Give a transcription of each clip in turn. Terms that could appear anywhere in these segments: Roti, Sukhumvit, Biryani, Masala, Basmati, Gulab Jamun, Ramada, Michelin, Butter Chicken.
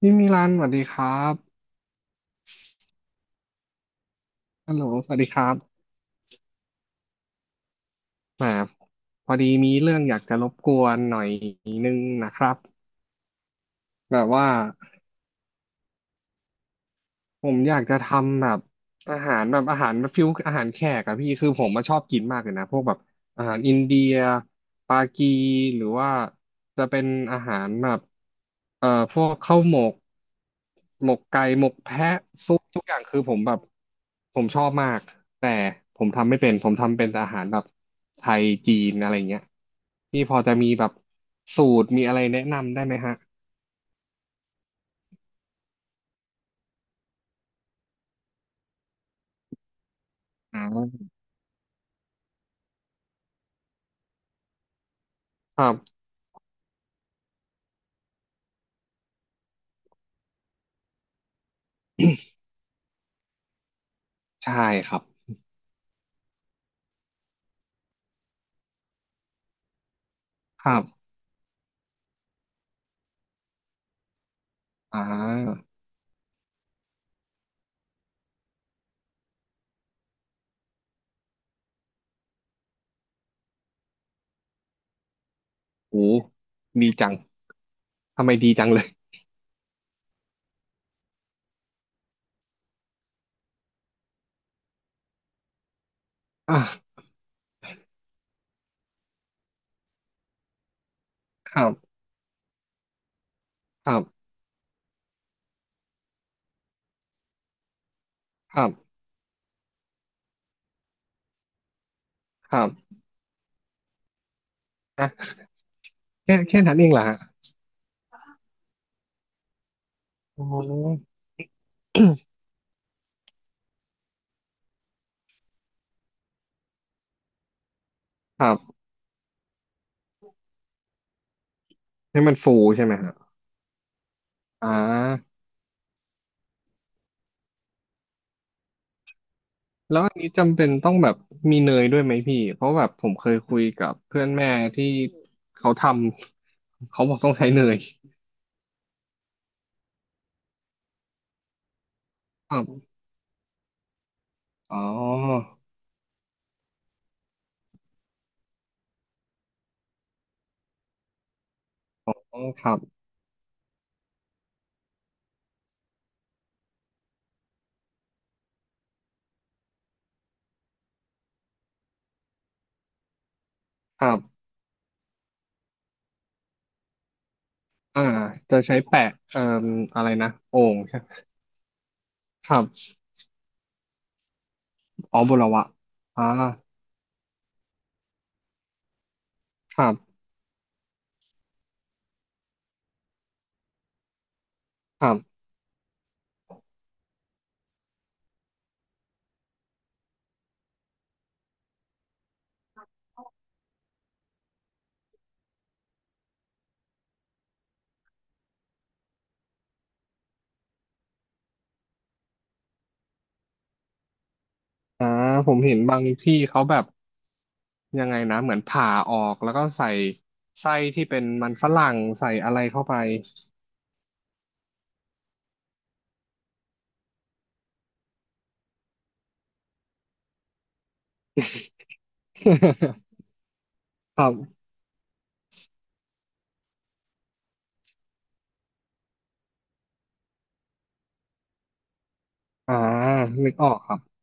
พี่มิลันสวัสดีครับฮัลโหลสวัสดีครับแหมพอดีมีเรื่องอยากจะรบกวนหน่อยครับแบบว่า ผมอยากจะทำแบบอาหารแบบอาหารฟิวอาหารแขกอะพี่คือผมมาชอบกินมากเลยนะพวกแบบอาหารอินเดียปากีหรือว่าจะเป็นอาหารแบบเอ่อพวกข้าวหมกหมกไก่หมกแพะซุปทุกอย่างคือผมแบบผมชอบมากแต่ผมทำไม่เป็นผมทำเป็นแต่อาหารแบบไทยจีนอะไรเงี้ยพี่พอจะมีแบบสูตรมีอะไรแนะนำได้ไหมฮะอ่าครับใช่ครับครับอ่า โอ้ดีจังทำไมดีจังเลยอ่ะครับครับครับครับอ่ะแค่แค่นั้นเองเหรอฮะอ๋อ ครับให้มันฟูใช่ไหมฮะอ่าแล้วอันนี้จำเป็นต้องแบบมีเนยด้วยไหมพี่เพราะแบบผมเคยคุยกับเพื่อนแม่ที่เขาทำเขาบอกต้องใช้เนยครับอ๋ออ๋อครับครับอ่าจะใช้แปะเอ่ออะไรนะโอ่งใช่ครับอ๋อบุรวะอ่าครับครับ อ่าผมเห็นบางที่เขาแบบยังไงนะเหมือนผ่าออกแล้วก็ใส่ไส้ที่เป็นมันฝรั่งใส่อะไรเข้าไป ครับอ่านึกออกครับ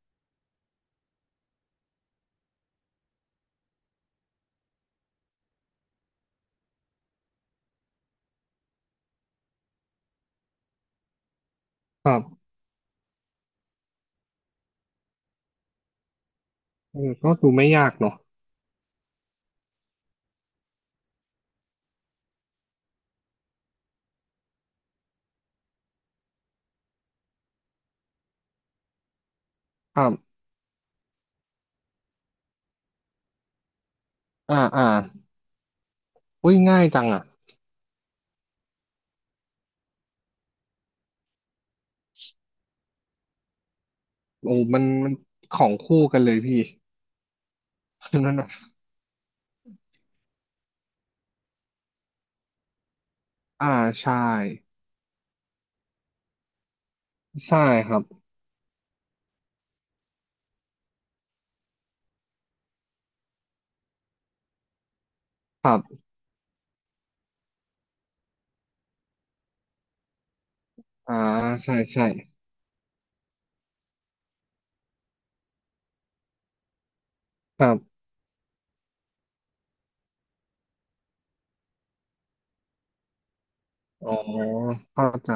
ครับเออก็ดูไม่ยากเนอะครับอ่าอ่าอุ้ยง่ายจังอ่ะโอ้มันมันของคู่กันเลยพี่ นั่นน่ะอ่าใช่ใช่ครับครับอ่าใช่ใช่ครับอ๋อเข้าใจ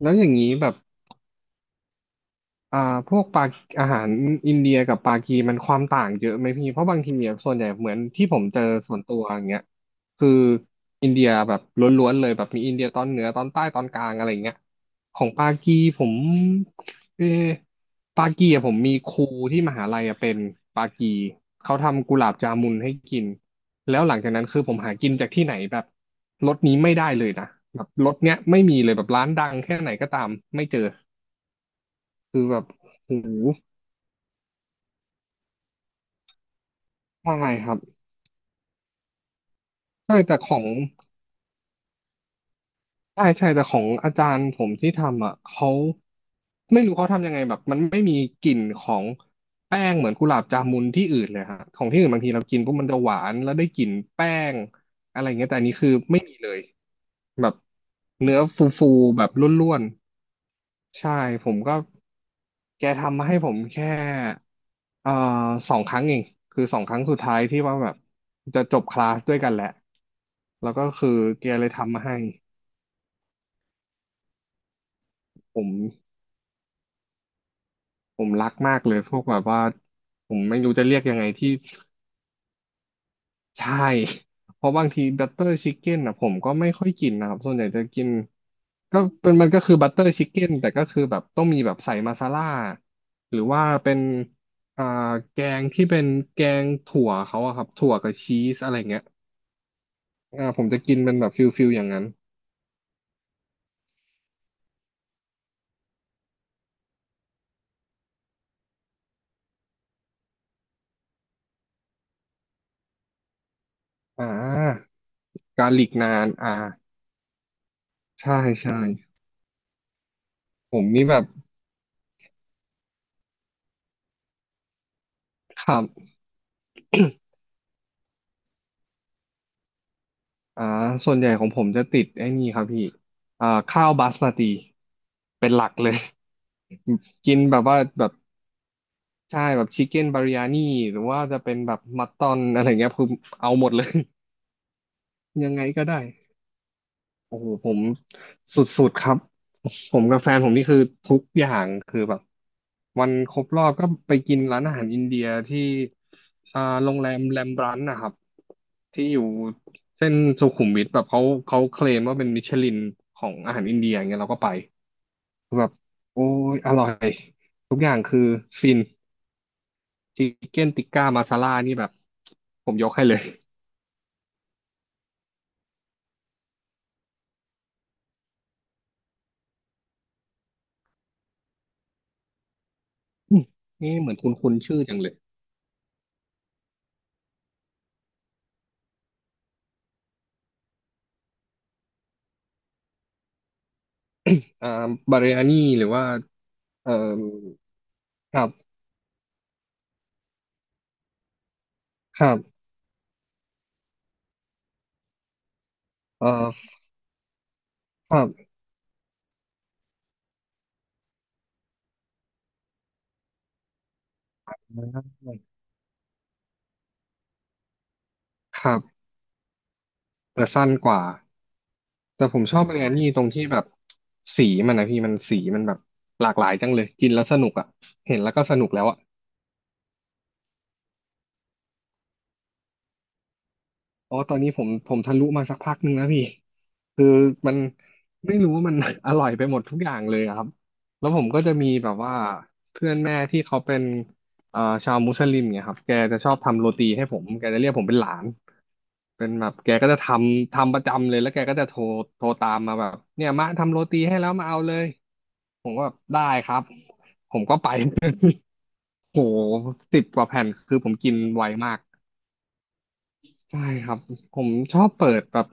แล้วอย่างนี้แบบ อ่าพวกปาอาหารอินเดียกับปากีมันความต่างเยอะไหมพี่เพราะบางทีเนี่ยส่วนใหญ่เหมือนที่ผมเจอส่วนตัวอย่างเงี้ยคืออินเดียแบบล้วนๆเลยแบบมีอินเดียตอนเหนือตอนใต้ตอนกลางอะไรเงี้ยของปากีผมเออปากีอะผมมีครูที่มหาลัยอะเป็นปากีเขาทำกุหลาบจามุนให้กินแล้วหลังจากนั้นคือผมหากินจากที่ไหนแบบรสนี้ไม่ได้เลยนะแบบรสเนี้ยไม่มีเลยแบบร้านดังแค่ไหนก็ตามไม่เจอคือแบบโห ใช่ครับใช่แต่ของใช่ใช่แต่ของอาจารย์ผมที่ทำอ่ะเขาไม่รู้เขาทำยังไงแบบมันไม่มีกลิ่นของแป้งเหมือนกุหลาบจามุนที่อื่นเลยฮะของที่อื่นบางทีเรากินปุ๊บมันจะหวานแล้วได้กลิ่นแป้งอะไรเงี้ยแต่อันนี้คือไม่มีเลยแบบเนื้อฟูๆแบบร่วนๆใช่ผมก็แกทำมาให้ผมแค่ เอ่อสองครั้งเองคือสองครั้งสุดท้ายที่ว่าแบบจะจบคลาสด้วยกันแหละแล้วก็คือแกเลยทำมาให้ผมผมรักมากเลยพวกแบบว่าผมไม่รู้จะเรียกยังไงที่ใช่ เพราะบางทีบัตเตอร์ชิคเก้นอ่ะผมก็ไม่ค่อยกินนะครับส่วนใหญ่จะกินก็เป็นมันก็คือบัตเตอร์ชิคเก้นแต่ก็คือแบบต้องมีแบบใส่มาซาล่าหรือว่าเป็นอ่าแกงที่เป็นแกงถั่วเขาอะครับถั่วกับชีสอะไรเงี้ยอ่าผมจะกินเป็นแบบฟิลฟิลอย่างนั้น อ่าการหลีกนานอ่าใช่ใช่ผมนี่แบบครับอ่าส่วนใหญ่ของผมจะติดไอ้นี่ครับพี่อ่าข้าวบาสมาติเป็นหลักเลย กินแบบว่าแบบใช่แบบชิคเก้นบาริยานี่หรือว่าจะเป็นแบบมัตตอนอะไรเงี้ยคือเอาหมดเลย ยังไงก็ได้ โอ้โหผมสุดๆครับผมกับแฟนผมนี่คือทุกอย่างคือแบบวันครบรอบก็ไปกินร้านอาหารอินเดียที่อ่าโรงแรมแรมบรันนะครับที่อยู่เส้นสุขุมวิทแบบเขาเขาเคลมว่าเป็นมิชลินของอาหารอินเดียอย่างเงี้ยเราก็ไปคือแบบโอ้ยอร่อยทุกอย่างคือฟินชิคเก้นติกก้ามาซาล่านี่แบบผมยกให้เลยนี่เหมือนคุ้นๆชื่อจังเลยอ่าบาเรอานี่หรือว่าเอ่อครับ ครับเอ่อครับครับ แต่สั้นกว่า แต่ผมชอบมันงานนี่ตรงที่แบบสีมันนะพี่มันสีมันแบบหลากหลายจังเลยกินแล้วสนุกอ่ะ เห็นแล้วก็สนุกแล้วอ่ะ อ๋อตอนนี้ผมผมทะลุมาสักพักหนึ่งแล้วพี่คือมันไม่รู้ว่ามัน อร่อยไปหมดทุกอย่างเลยอะครับ แล้วผมก็จะมีแบบว่าเพื่อนแม่ที่เขาเป็นชาวมุสลิมเนี่ยครับแกจะชอบทำโรตีให้ผมแกจะเรียกผมเป็นหลานเป็นแบบแกก็จะทำประจำเลยแล้วแกก็จะโทรตามมาแบบเนี่ยมาทำโรตีให้แล้วมาเอาเลยผมก็แบบได้ครับผมก็ไป โโหสิบกว่าแผ่นคือผมกินไวมาก ใช่ครับผมชอบเปิดแบบ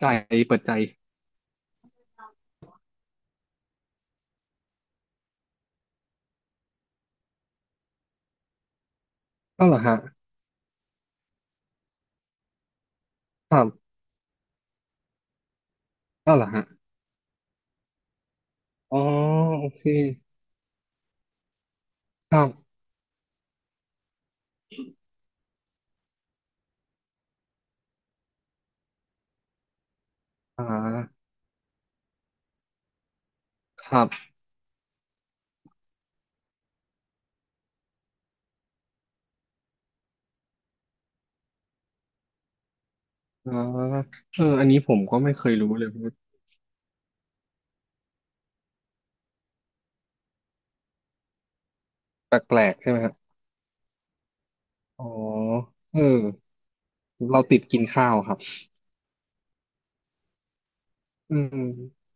ใจเปิดใจก็เหรอฮะครับก็เหรอฮะอ๋อโอเคครับอ่าครับอ่าเอออันนี้ผมก็ไม่เคยรู้เลยแปลกๆใช่ไหมฮะอ๋อเออเราติดกินข้าวครับอืม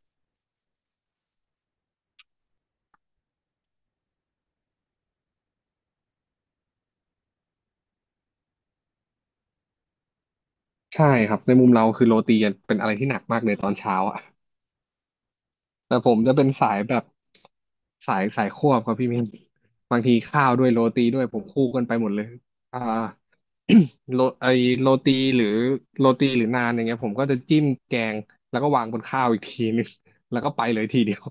ใช่ครับในมุมเราคือโรตีเป็นอะไรที่หนักมากเลยตอนเช้าอ่ะ แต่ผมจะเป็นสายแบบสายควบครับพี่มินบางทีข้าวด้วยโรตีด้วยผมคู่กันไปหมดเลยอ่า โรไอโรตีหรือโรตีหรือนานอย่างเงี้ยผมก็จะจิ้มแกงแล้วก็วางบนข้าวอีกทีนึง แล้วก็ไปเลยทีเดียว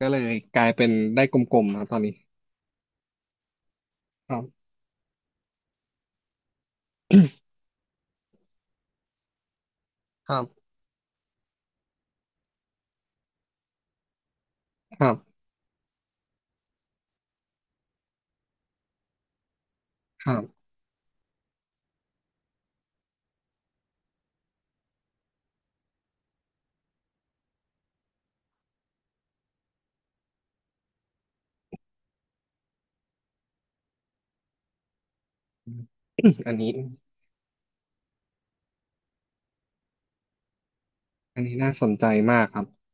ก็เลยกลายเป็นได้กลมๆนะตอนนี้ครับครับครับครับอืม อันนี้อันนี้น่าสนใจมากครับ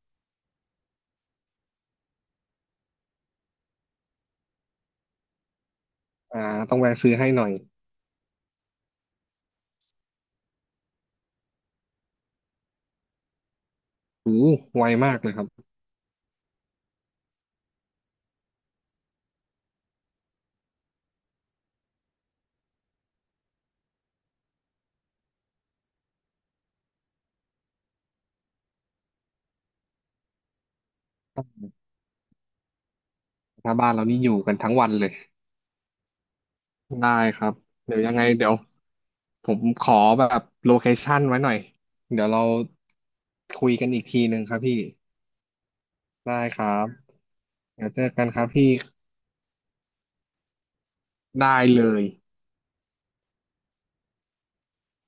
อ่าต้องแวะซื้อให้หน่อยโอ้ไวมากเลยครับหน้าบ้านเรานี่อยู่กันทั้งวันเลย ได้ครับเดี๋ยวยังไงเดี๋ยวผมขอแบบโลเคชั่นไว้หน่อยเดี๋ยวเราคุยกันอีกทีหนึ่งครับพี่ได้ครับเดี๋ยวเจอกันครับพี่ได้เลย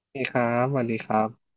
โอเคครับสวัสดีครับ